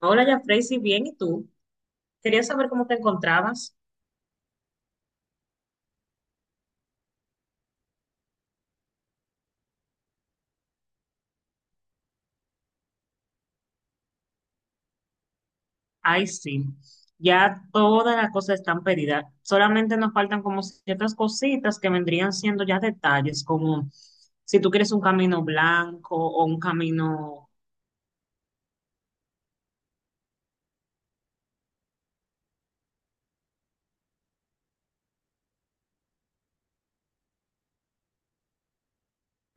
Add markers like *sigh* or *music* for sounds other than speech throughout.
Hola, ya Tracy, bien, ¿y tú? Quería saber cómo te encontrabas. Ay, sí, ya todas las cosas están pedidas. Solamente nos faltan como ciertas cositas que vendrían siendo ya detalles, como si tú quieres un camino blanco o un camino.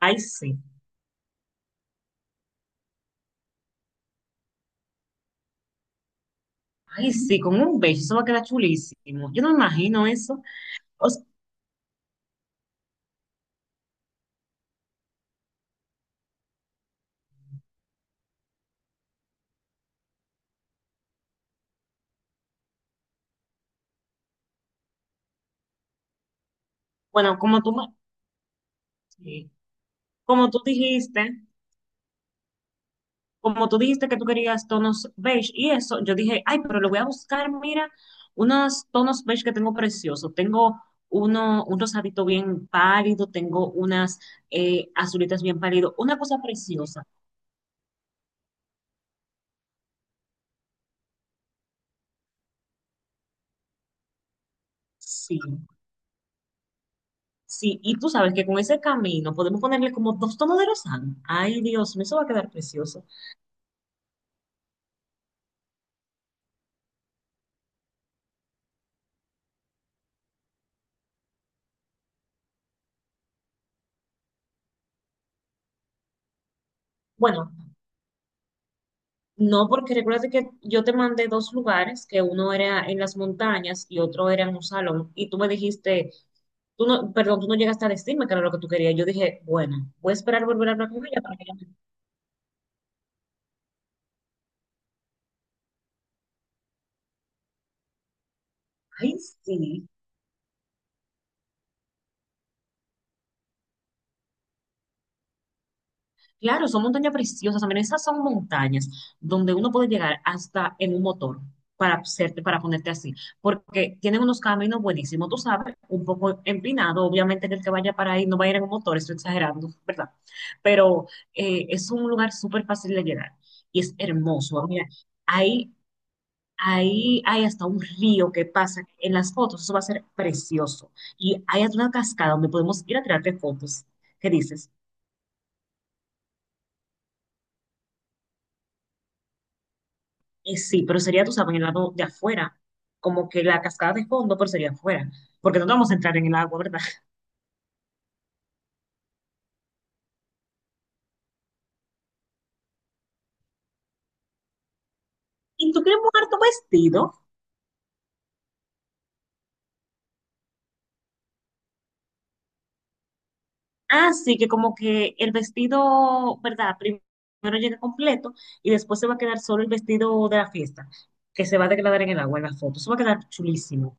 Ay, sí, ay, sí, con un beige, eso va a quedar chulísimo. Yo no me imagino eso. O s- bueno, como tú, sí, como tú dijiste. Como tú dijiste que tú querías tonos beige y eso, yo dije, ay, pero le voy a buscar, mira, unos tonos beige que tengo preciosos. Tengo un rosadito bien pálido, tengo unas azulitas bien pálido, una cosa preciosa. Sí, sí, y tú sabes que con ese camino podemos ponerle como dos tonos de rosado. Ay, Dios, mío, eso va a quedar precioso. Bueno, no, porque recuérdate que yo te mandé dos lugares, que uno era en las montañas y otro era en un salón, y tú me dijiste. Tú no, perdón, tú no llegaste a decirme que era lo que tú querías. Yo dije, bueno, voy a esperar volver a hablar con ella para que ella me. Ay, sí. Claro, son montañas preciosas. También esas son montañas donde uno puede llegar hasta en un motor para hacerte, para ponerte así. Porque tienen unos caminos buenísimos, tú sabes, un poco empinado. Obviamente que el que vaya para ahí no va a ir en un motor, estoy exagerando, ¿verdad? Pero es un lugar súper fácil de llegar y es hermoso. Ah, mira, hay ahí hay hasta un río que pasa en las fotos, eso va a ser precioso. Y hay hasta una cascada donde podemos ir a tirarte fotos. ¿Qué dices? Sí, pero sería, tú sabes, en el lado de afuera, como que la cascada de fondo, pero sería afuera, porque no vamos a entrar en el agua, ¿verdad? *laughs* Y tú quieres mudar tu vestido, así que como que el vestido, ¿verdad? Primero llega completo y después se va a quedar solo el vestido de la fiesta, que se va a degradar en el agua, en las fotos. Eso va a quedar chulísimo.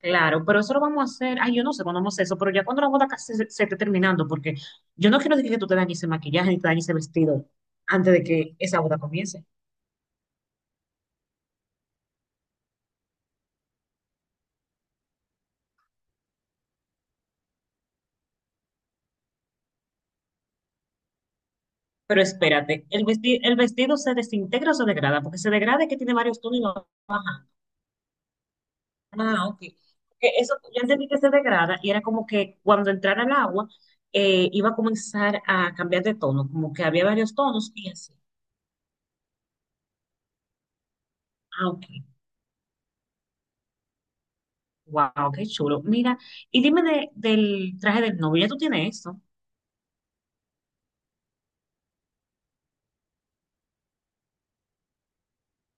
Claro, pero eso lo vamos a hacer. Ay, yo no sé cuándo vamos a hacer eso, pero ya cuando la boda casi se esté terminando, porque yo no quiero decir que tú te dañes ese maquillaje ni te dañes ese vestido antes de que esa boda comience. Pero espérate, el vestido se desintegra o se degrada, porque se degrada es que tiene varios tonos y lo baja. Ah, ok. Que eso, yo entendí que se degrada y era como que cuando entrara el agua iba a comenzar a cambiar de tono, como que había varios tonos y así. Ah, ok. Wow, qué chulo. Mira, y dime del traje del novio, ¿ya tú tienes esto?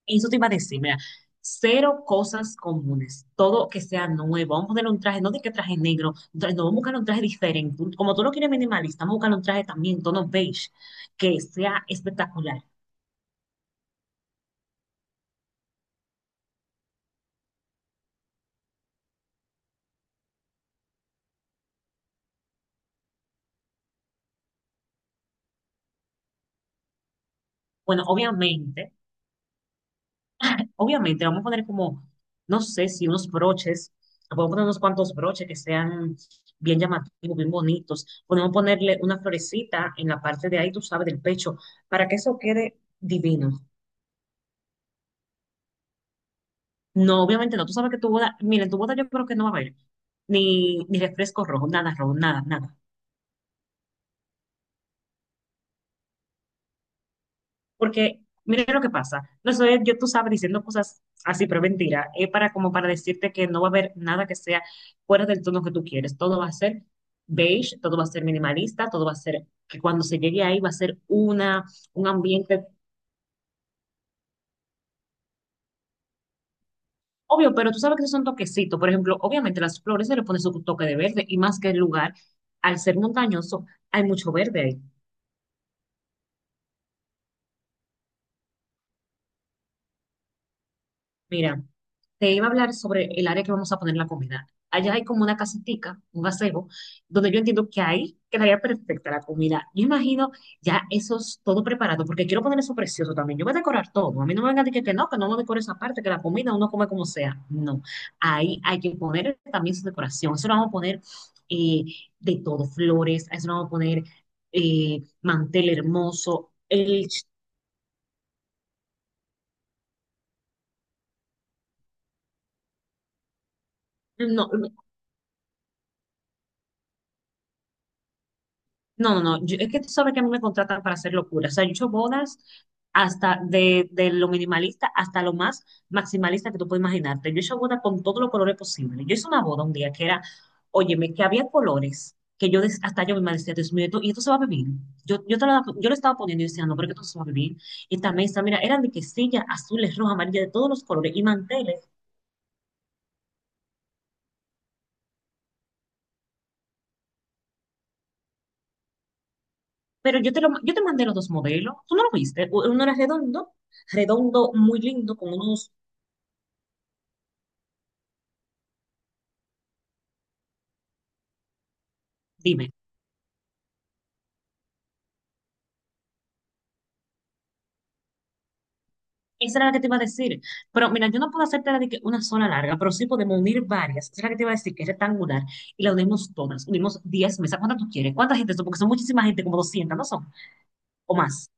Eso te iba a decir, mira, cero cosas comunes, todo que sea nuevo. Vamos a poner un traje, no de que traje negro, un no, vamos a buscar un traje diferente. Como tú lo quieres minimalista, vamos a buscar un traje también, tono beige, que sea espectacular. Bueno, obviamente, vamos a poner como, no sé si unos broches, podemos poner unos cuantos broches que sean bien llamativos, bien bonitos. Podemos ponerle una florecita en la parte de ahí, tú sabes, del pecho, para que eso quede divino. No, obviamente no. Tú sabes que tu boda, mira, en tu boda yo creo que no va a haber ni refresco rojo, nada, nada. Porque, mira lo que pasa. No soy yo, tú sabes, diciendo cosas así, pero mentira. Es para como para decirte que no va a haber nada que sea fuera del tono que tú quieres. Todo va a ser beige, todo va a ser minimalista, todo va a ser que cuando se llegue ahí va a ser una, un ambiente. Obvio, pero tú sabes que esos son toquecitos. Por ejemplo, obviamente las flores se le pone su toque de verde y más que el lugar, al ser montañoso, hay mucho verde ahí. Mira. Te iba a hablar sobre el área que vamos a poner la comida. Allá hay como una casetica, un gazebo, donde yo entiendo que ahí quedaría perfecta la comida. Yo imagino ya eso es todo preparado, porque quiero poner eso precioso también. Yo voy a decorar todo. A mí no me van a decir que no me decore esa parte, que la comida uno come como sea. No, ahí hay que poner también su decoración. Eso lo vamos a poner eh, de todo, flores, a eso lo vamos a poner mantel hermoso, no, no, no, no. Es que tú sabes que a mí me contratan para hacer locuras. O sea, yo he hecho bodas hasta de lo minimalista hasta lo más maximalista que tú puedes imaginarte. Yo he hecho bodas con todos los colores posibles. Yo hice una boda un día que era, óyeme, que había colores que yo hasta yo me decía, Dios mío, y esto se va a beber? Yo, te lo, yo lo estaba poniendo y decía, no, pero que esto no se va a beber. Y esta mesa, mira, eran de quesillas azules, rojas, amarillas, de todos los colores y manteles. Pero yo te mandé los dos modelos. ¿Tú no lo viste? Uno era redondo, redondo muy lindo, con unos. Dime. Esa era la que te iba a decir. Pero mira, yo no puedo hacerte la de que una sola larga, pero sí podemos unir varias. Esa es la que te iba a decir, que es rectangular. Y la unimos todas. Unimos 10 mesas. ¿Cuántas tú quieres? ¿Cuánta gente son? Porque son muchísima gente, como 200, ¿no son? O más.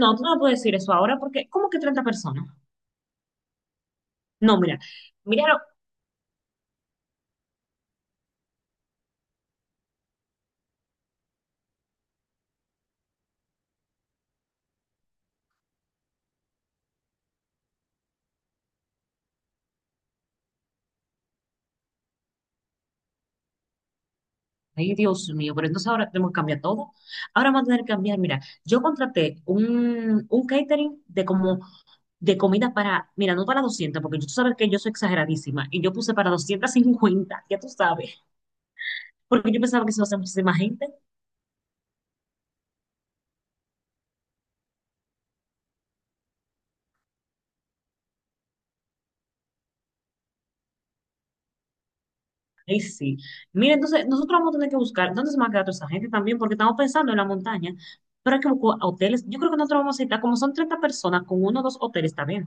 No, tú no me puedes decir eso ahora porque, ¿cómo que 30 personas? No, mira, míralo. Ay, Dios mío, pero entonces ahora tenemos que cambiar todo. Ahora vamos a tener que cambiar. Mira, yo contraté un catering de como de comida para, mira, no para 200 porque tú sabes que yo soy exageradísima y yo puse para 250. Ya tú sabes. Porque yo pensaba que se va a hacer muchísima gente. Ahí sí. Mira, entonces nosotros vamos a tener que buscar dónde se va a quedar toda esa gente también, porque estamos pensando en la montaña, pero hay que buscar hoteles. Yo creo que nosotros vamos a necesitar, como son 30 personas, con uno o dos hoteles también.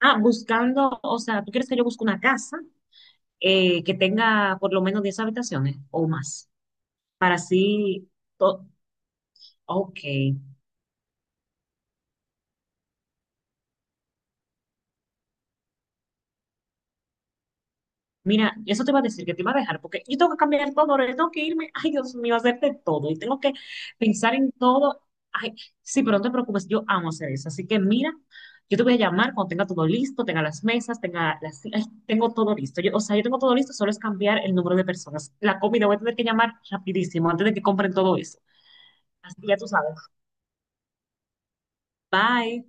Ah, buscando, o sea, ¿tú quieres que yo busque una casa que tenga por lo menos 10 habitaciones o más? Para así, to- ok. Mira, eso te va a decir que te va a dejar, porque yo tengo que cambiar todo, ahora yo tengo que irme, ay Dios mío, hacer de todo, y tengo que pensar en todo, ay, sí, pero no te preocupes, yo amo hacer eso, así que mira, yo te voy a llamar cuando tenga todo listo, tenga las mesas, tenga las, ay, tengo todo listo, yo, o sea, yo tengo todo listo, solo es cambiar el número de personas, la comida voy a tener que llamar rapidísimo antes de que compren todo eso, así que ya tú sabes, bye.